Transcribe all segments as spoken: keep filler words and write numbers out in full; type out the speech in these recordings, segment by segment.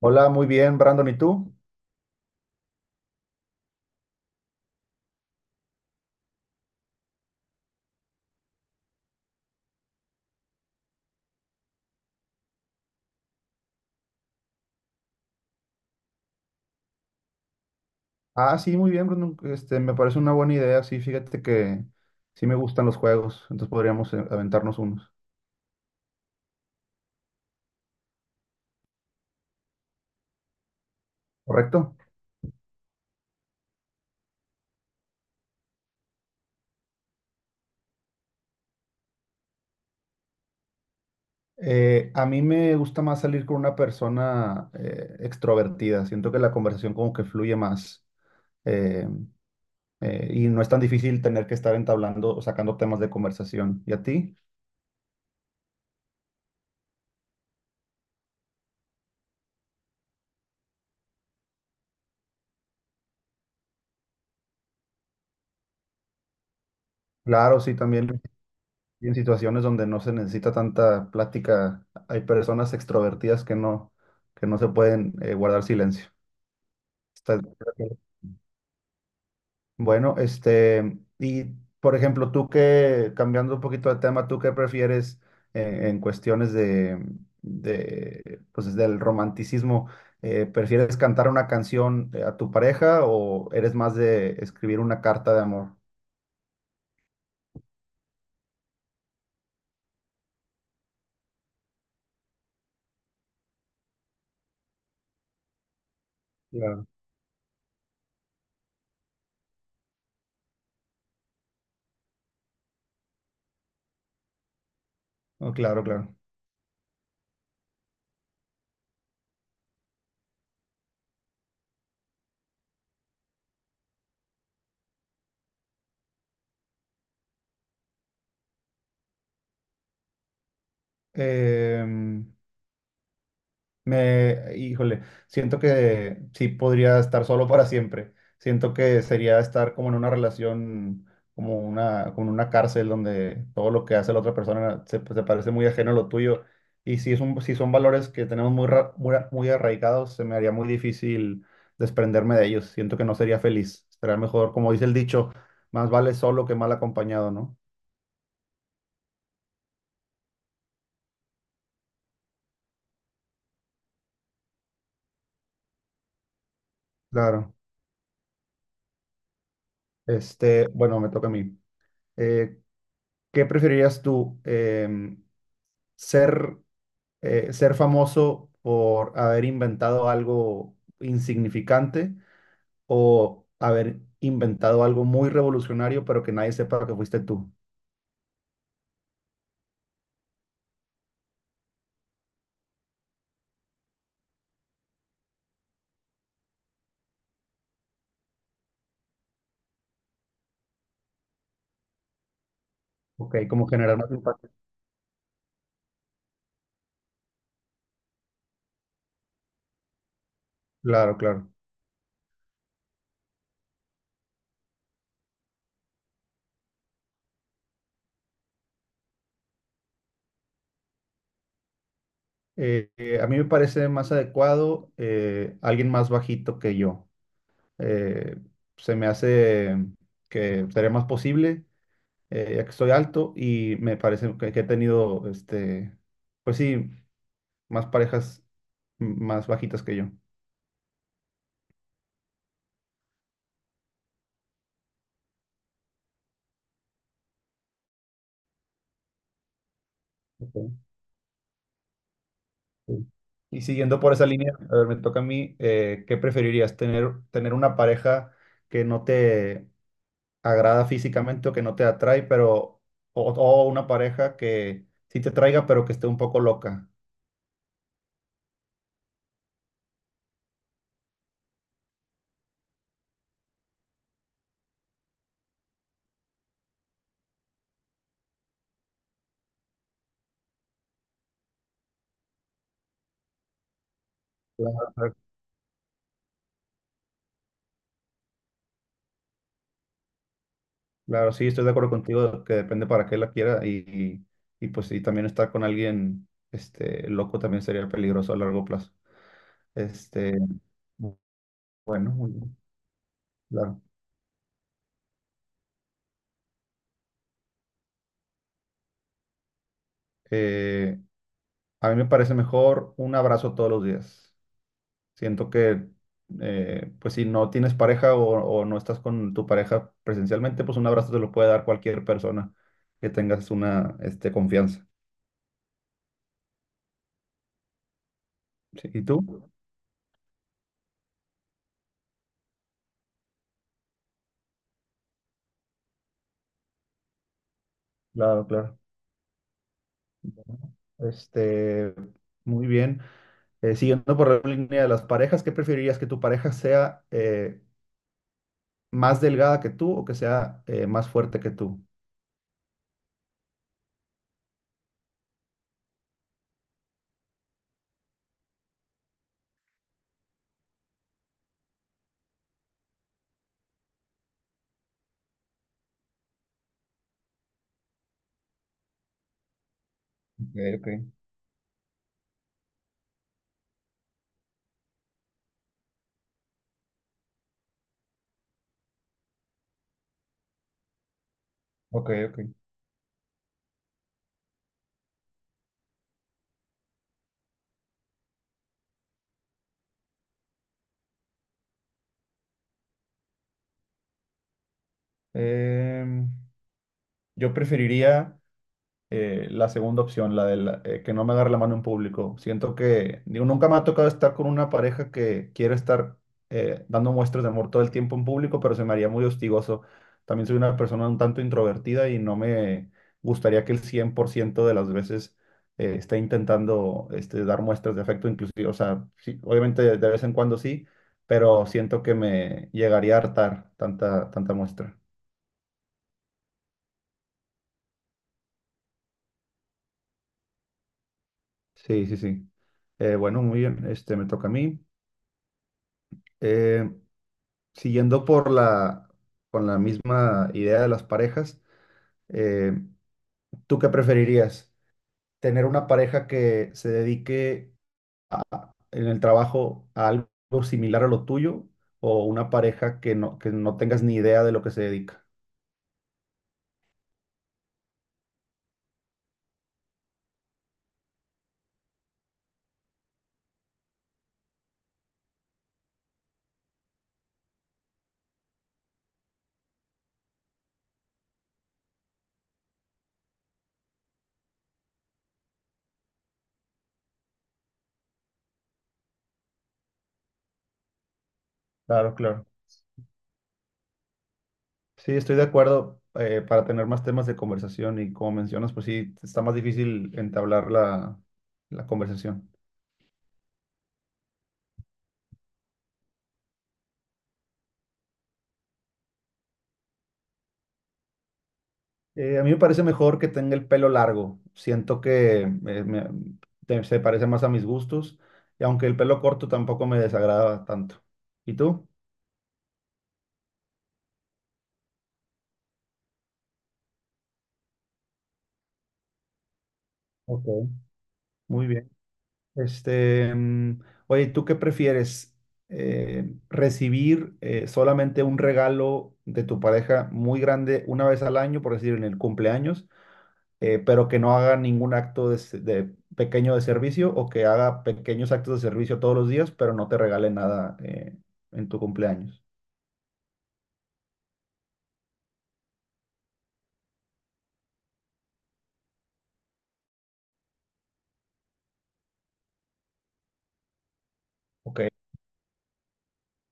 Hola, muy bien, Brandon, ¿y tú? Ah, sí, muy bien, Brandon. Este, me parece una buena idea. Sí, fíjate que sí me gustan los juegos, entonces podríamos eh, aventarnos unos. ¿Correcto? Eh, a mí me gusta más salir con una persona eh, extrovertida. Siento que la conversación como que fluye más eh, eh, y no es tan difícil tener que estar entablando o sacando temas de conversación. ¿Y a ti? Claro, sí, también. Y en situaciones donde no se necesita tanta plática, hay personas extrovertidas que no, que no se pueden eh, guardar silencio. Está- Bueno, este, y por ejemplo, tú que, cambiando un poquito de tema, ¿tú qué prefieres eh, en cuestiones de, de, pues, del romanticismo? Eh, ¿prefieres cantar una canción eh, a tu pareja o eres más de escribir una carta de amor? Claro. Oh, claro, claro. Em, Me, híjole, siento que sí podría estar solo para siempre. Siento que sería estar como en una relación, como una, como en una cárcel donde todo lo que hace la otra persona se, se parece muy ajeno a lo tuyo. Y si es un, si son valores que tenemos muy, ra- muy, a- muy arraigados, se me haría muy difícil desprenderme de ellos. Siento que no sería feliz. Será mejor, como dice el dicho, más vale solo que mal acompañado, ¿no? Claro. Este, bueno, me toca a mí. Eh, ¿Qué preferirías tú? Em, ser, eh, ser famoso por haber inventado algo insignificante o haber inventado algo muy revolucionario, pero que nadie sepa que fuiste tú. Ok, como generar más impacto. Claro, claro. Eh, eh, a mí me parece más adecuado eh, alguien más bajito que yo. Eh, Se me hace que sería más posible, eh, ya que soy alto y me parece que, que he tenido, este, pues sí, más parejas m- más bajitas que yo. Ok, sí. Y siguiendo por esa línea, a ver, me toca a mí, eh, ¿qué preferirías? ¿Tener, tener una pareja que no te agrada físicamente o que no te atrae, pero, o, o una pareja que sí te traiga, pero que esté un poco loca? Claro, claro, claro, sí, estoy de acuerdo contigo, que depende para qué la quiera y, y, y, pues sí, también estar con alguien este, loco también sería peligroso a largo plazo. Este, bu- bueno, muy bien, claro. Eh, a mí me parece mejor un abrazo todos los días. Siento que, eh, pues si no tienes pareja o, o no estás con tu pareja presencialmente, pues un abrazo te lo puede dar cualquier persona que tengas una, este, confianza. Sí, ¿y tú? Claro, claro. Bueno, este, muy bien. Eh, siguiendo por la línea de las parejas, ¿qué preferirías que tu pareja sea eh, más delgada que tú o que sea eh, más fuerte que tú? Ok, ok, ok, ok. Em, yo preferiría eh, la segunda opción, la de la- eh, que no me agarre la mano en público. Siento que, digo, nunca me ha tocado estar con una pareja que quiere estar eh, dando muestras de amor todo el tiempo en público, pero se me haría muy hostigoso. También soy una persona un tanto introvertida y no me gustaría que el cien por ciento de las veces eh, esté intentando este, dar muestras de afecto, inclusive, o sea, sí, obviamente de de vez en cuando sí, pero siento que me llegaría a hartar tanta, tanta muestra. Sí, sí, sí. Eh, bueno, muy bien, este, me toca a mí. Eh, Siguiendo por la, con la misma idea de las parejas, eh, ¿tú qué preferirías? ¿Tener una pareja que se dedique a- en el trabajo a algo similar a lo tuyo o una pareja que no, que no tengas ni idea de lo que se dedica? Claro, claro. Sí, estoy de acuerdo. Eh, para tener más temas de conversación y como mencionas, pues sí, está más difícil entablar la, la conversación. Eh, a mí me parece mejor que tenga el pelo largo. Siento que eh, me- te- se parece más a mis gustos. Y aunque el pelo corto tampoco me desagrada tanto. ¿Y tú? Ok. Muy bien. Este, mm, oye, ¿tú qué prefieres? Eh, ¿recibir eh, solamente un regalo de tu pareja muy grande una vez al año, por decir en el cumpleaños? Eh, pero que no haga ningún acto de, se- de pequeño de servicio, o que haga pequeños actos de servicio todos los días, pero no te regale nada eh, en tu cumpleaños. Ok,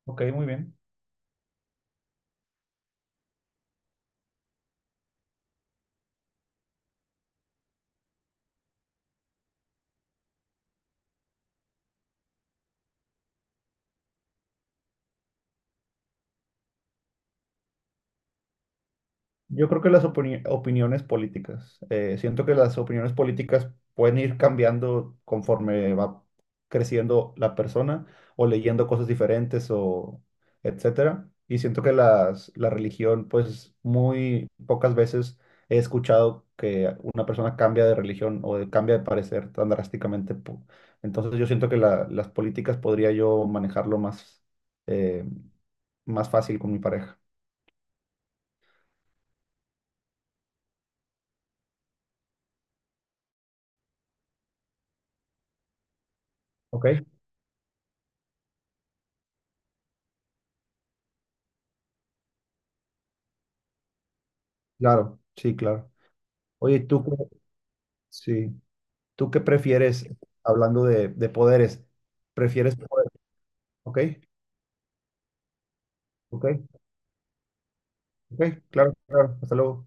ok, muy bien. Yo creo que las opini- opiniones políticas. Eh, siento que las opiniones políticas pueden ir cambiando conforme va creciendo la persona o leyendo cosas diferentes o etcétera. Y siento que las, la religión, pues muy pocas veces he escuchado que una persona cambia de religión o de- cambia de parecer tan drásticamente. po- Entonces yo siento que la- las políticas podría yo manejarlo más, eh, más fácil con mi pareja. ¿Ok? Claro, sí, claro. Oye, ¿tú qué, sí, tú qué prefieres, hablando de, de poderes? ¿Prefieres poder? Ok, ok, ok, claro, claro, hasta luego.